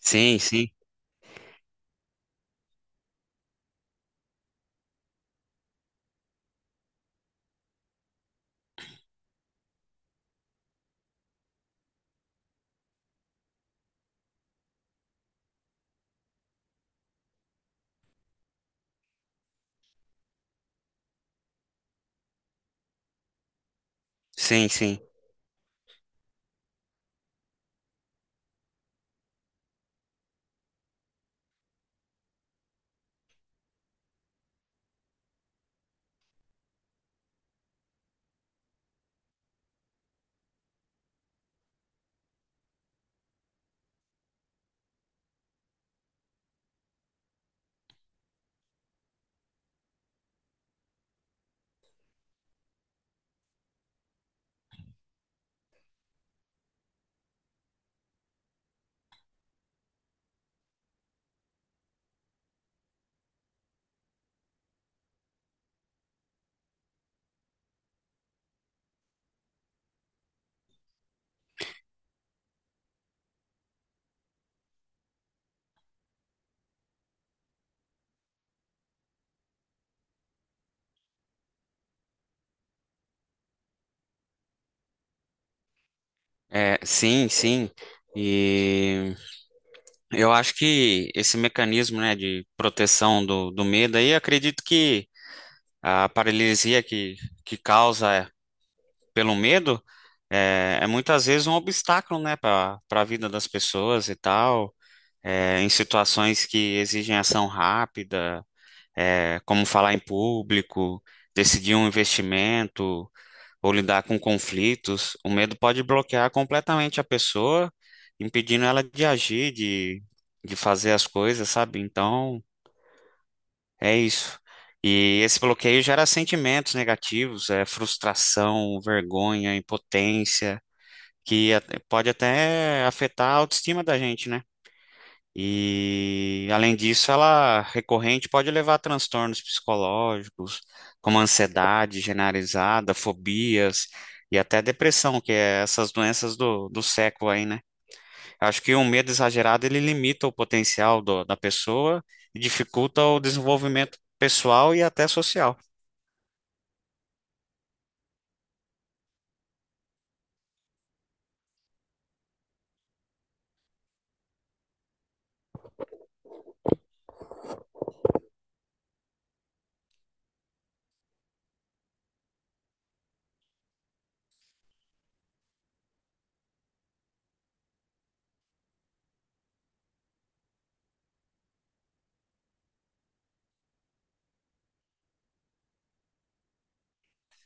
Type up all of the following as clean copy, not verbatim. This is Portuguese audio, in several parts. Sim, sim, sim, sim. É, sim, sim. E eu acho que esse mecanismo, né, de proteção do medo aí, eu acredito que a paralisia que causa pelo medo é muitas vezes um obstáculo, né, para a vida das pessoas e tal, em situações que exigem ação rápida, como falar em público, decidir um investimento, ou lidar com conflitos. O medo pode bloquear completamente a pessoa, impedindo ela de agir, de fazer as coisas, sabe? Então, é isso. E esse bloqueio gera sentimentos negativos, é frustração, vergonha, impotência, que a- pode até afetar a autoestima da gente, né? E, além disso, ela recorrente pode levar a transtornos psicológicos, como ansiedade generalizada, fobias e até depressão, que é essas doenças do século aí, né? Eu acho que o medo exagerado ele limita o potencial da pessoa e dificulta o desenvolvimento pessoal e até social.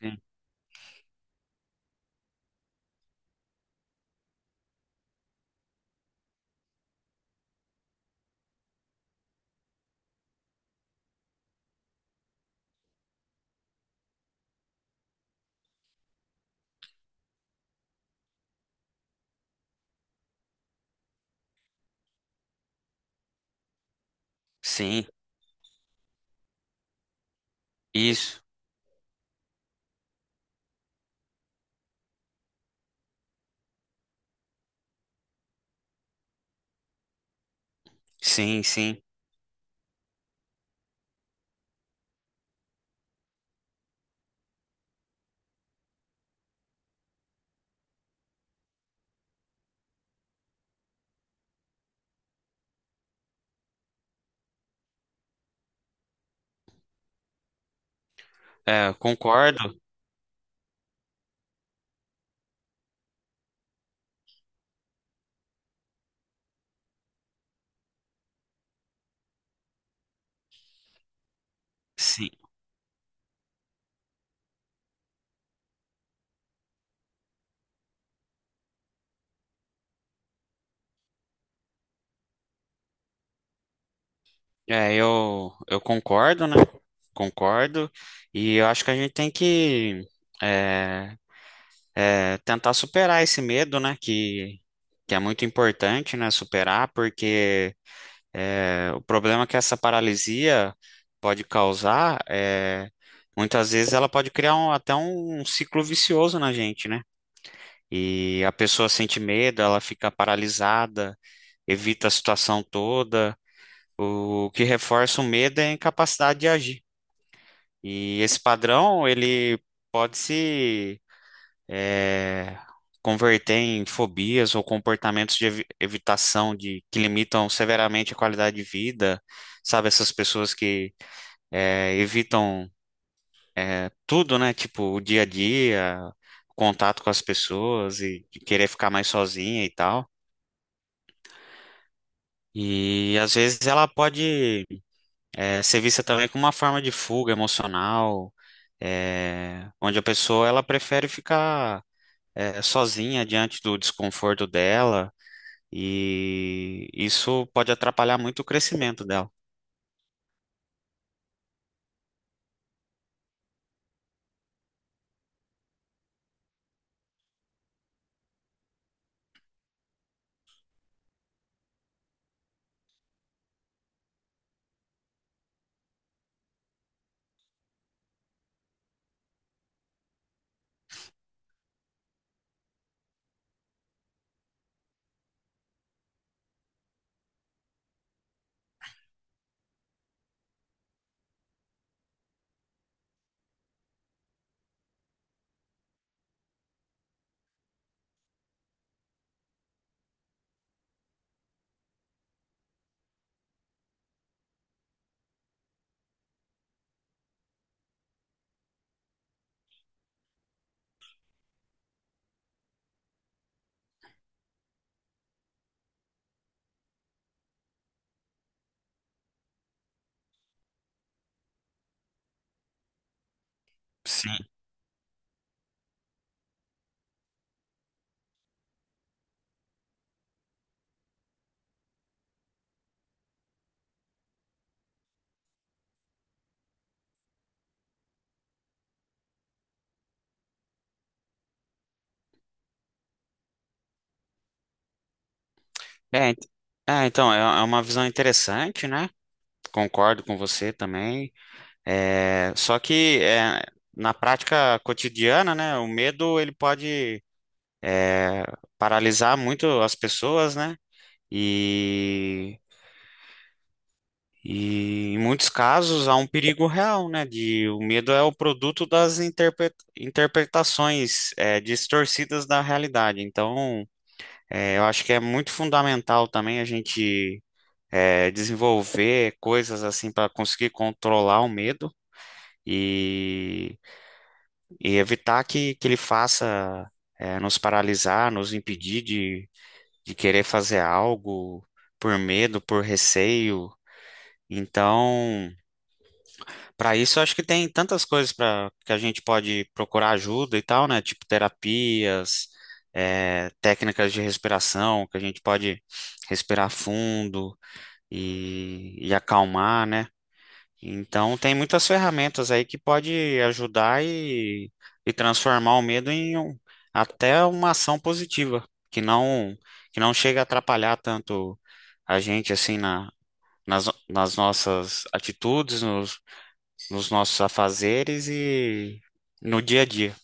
Sim, sim, isso. Sim, sim. É, eu concordo. Sim. É, eu concordo, né? Concordo. E eu acho que a gente tem que é, tentar superar esse medo, né? Que é muito importante, né? Superar, porque é, o problema que essa paralisia pode causar é muitas vezes ela pode criar até um ciclo vicioso na gente, né? E a pessoa sente medo, ela fica paralisada, evita a situação toda. O que reforça o medo é a incapacidade de agir. E esse padrão, ele pode se eh, converter em fobias ou comportamentos de evitação de, que limitam severamente a qualidade de vida, sabe? Essas pessoas que evitam tudo, né? Tipo, o dia a dia, contato com as pessoas e de querer ficar mais sozinha e tal. E às vezes ela pode ser vista também como uma forma de fuga emocional, onde a pessoa ela prefere ficar sozinha diante do desconforto dela, e isso pode atrapalhar muito o crescimento dela. Sim. É, é, então, é uma visão interessante, né? Concordo com você também. É, só que é, na prática cotidiana, né? O medo ele pode é, paralisar muito as pessoas, né? E E em muitos casos há um perigo real, né? De o medo é o produto das interpretações distorcidas da realidade. Então, eu acho que é muito fundamental também a gente desenvolver coisas assim para conseguir controlar o medo e, e evitar que ele faça nos paralisar, nos impedir de querer fazer algo por medo, por receio. Então, para isso, eu acho que tem tantas coisas para que a gente pode procurar ajuda e tal, né? Tipo terapias, técnicas de respiração, que a gente pode respirar fundo e acalmar, né? Então, tem muitas ferramentas aí que pode ajudar e transformar o medo em até uma ação positiva, que não chega a atrapalhar tanto a gente assim na, nas nossas atitudes, nos nossos afazeres e no dia a dia.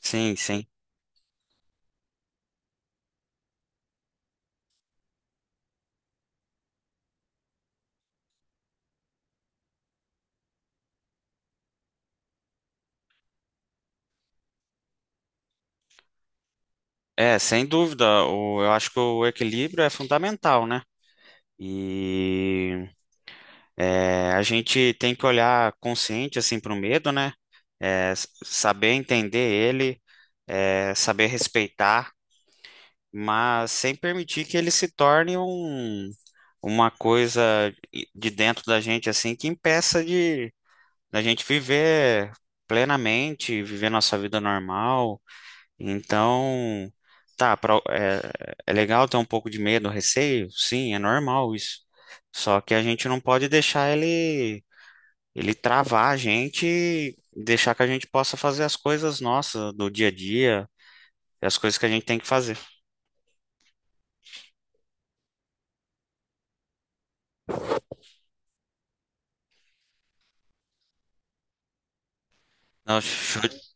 Sim, sim. É, sem dúvida, o, eu acho que o equilíbrio é fundamental, né? E é, a gente tem que olhar consciente assim para o medo, né? É, saber entender ele, é, saber respeitar, mas sem permitir que ele se torne um, uma coisa de dentro da gente assim que impeça de da gente viver plenamente, viver nossa vida normal. Então, tá, é legal ter um pouco de medo, receio, sim, é normal isso. Só que a gente não pode deixar ele, ele travar a gente, e deixar que a gente possa fazer as coisas nossas do dia a dia, as coisas que a gente tem que fazer. Não, show,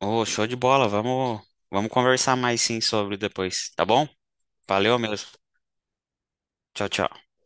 ô, show de bola, vamos, vamos conversar mais sim sobre depois, tá bom? Valeu mesmo. Tchau, tchau.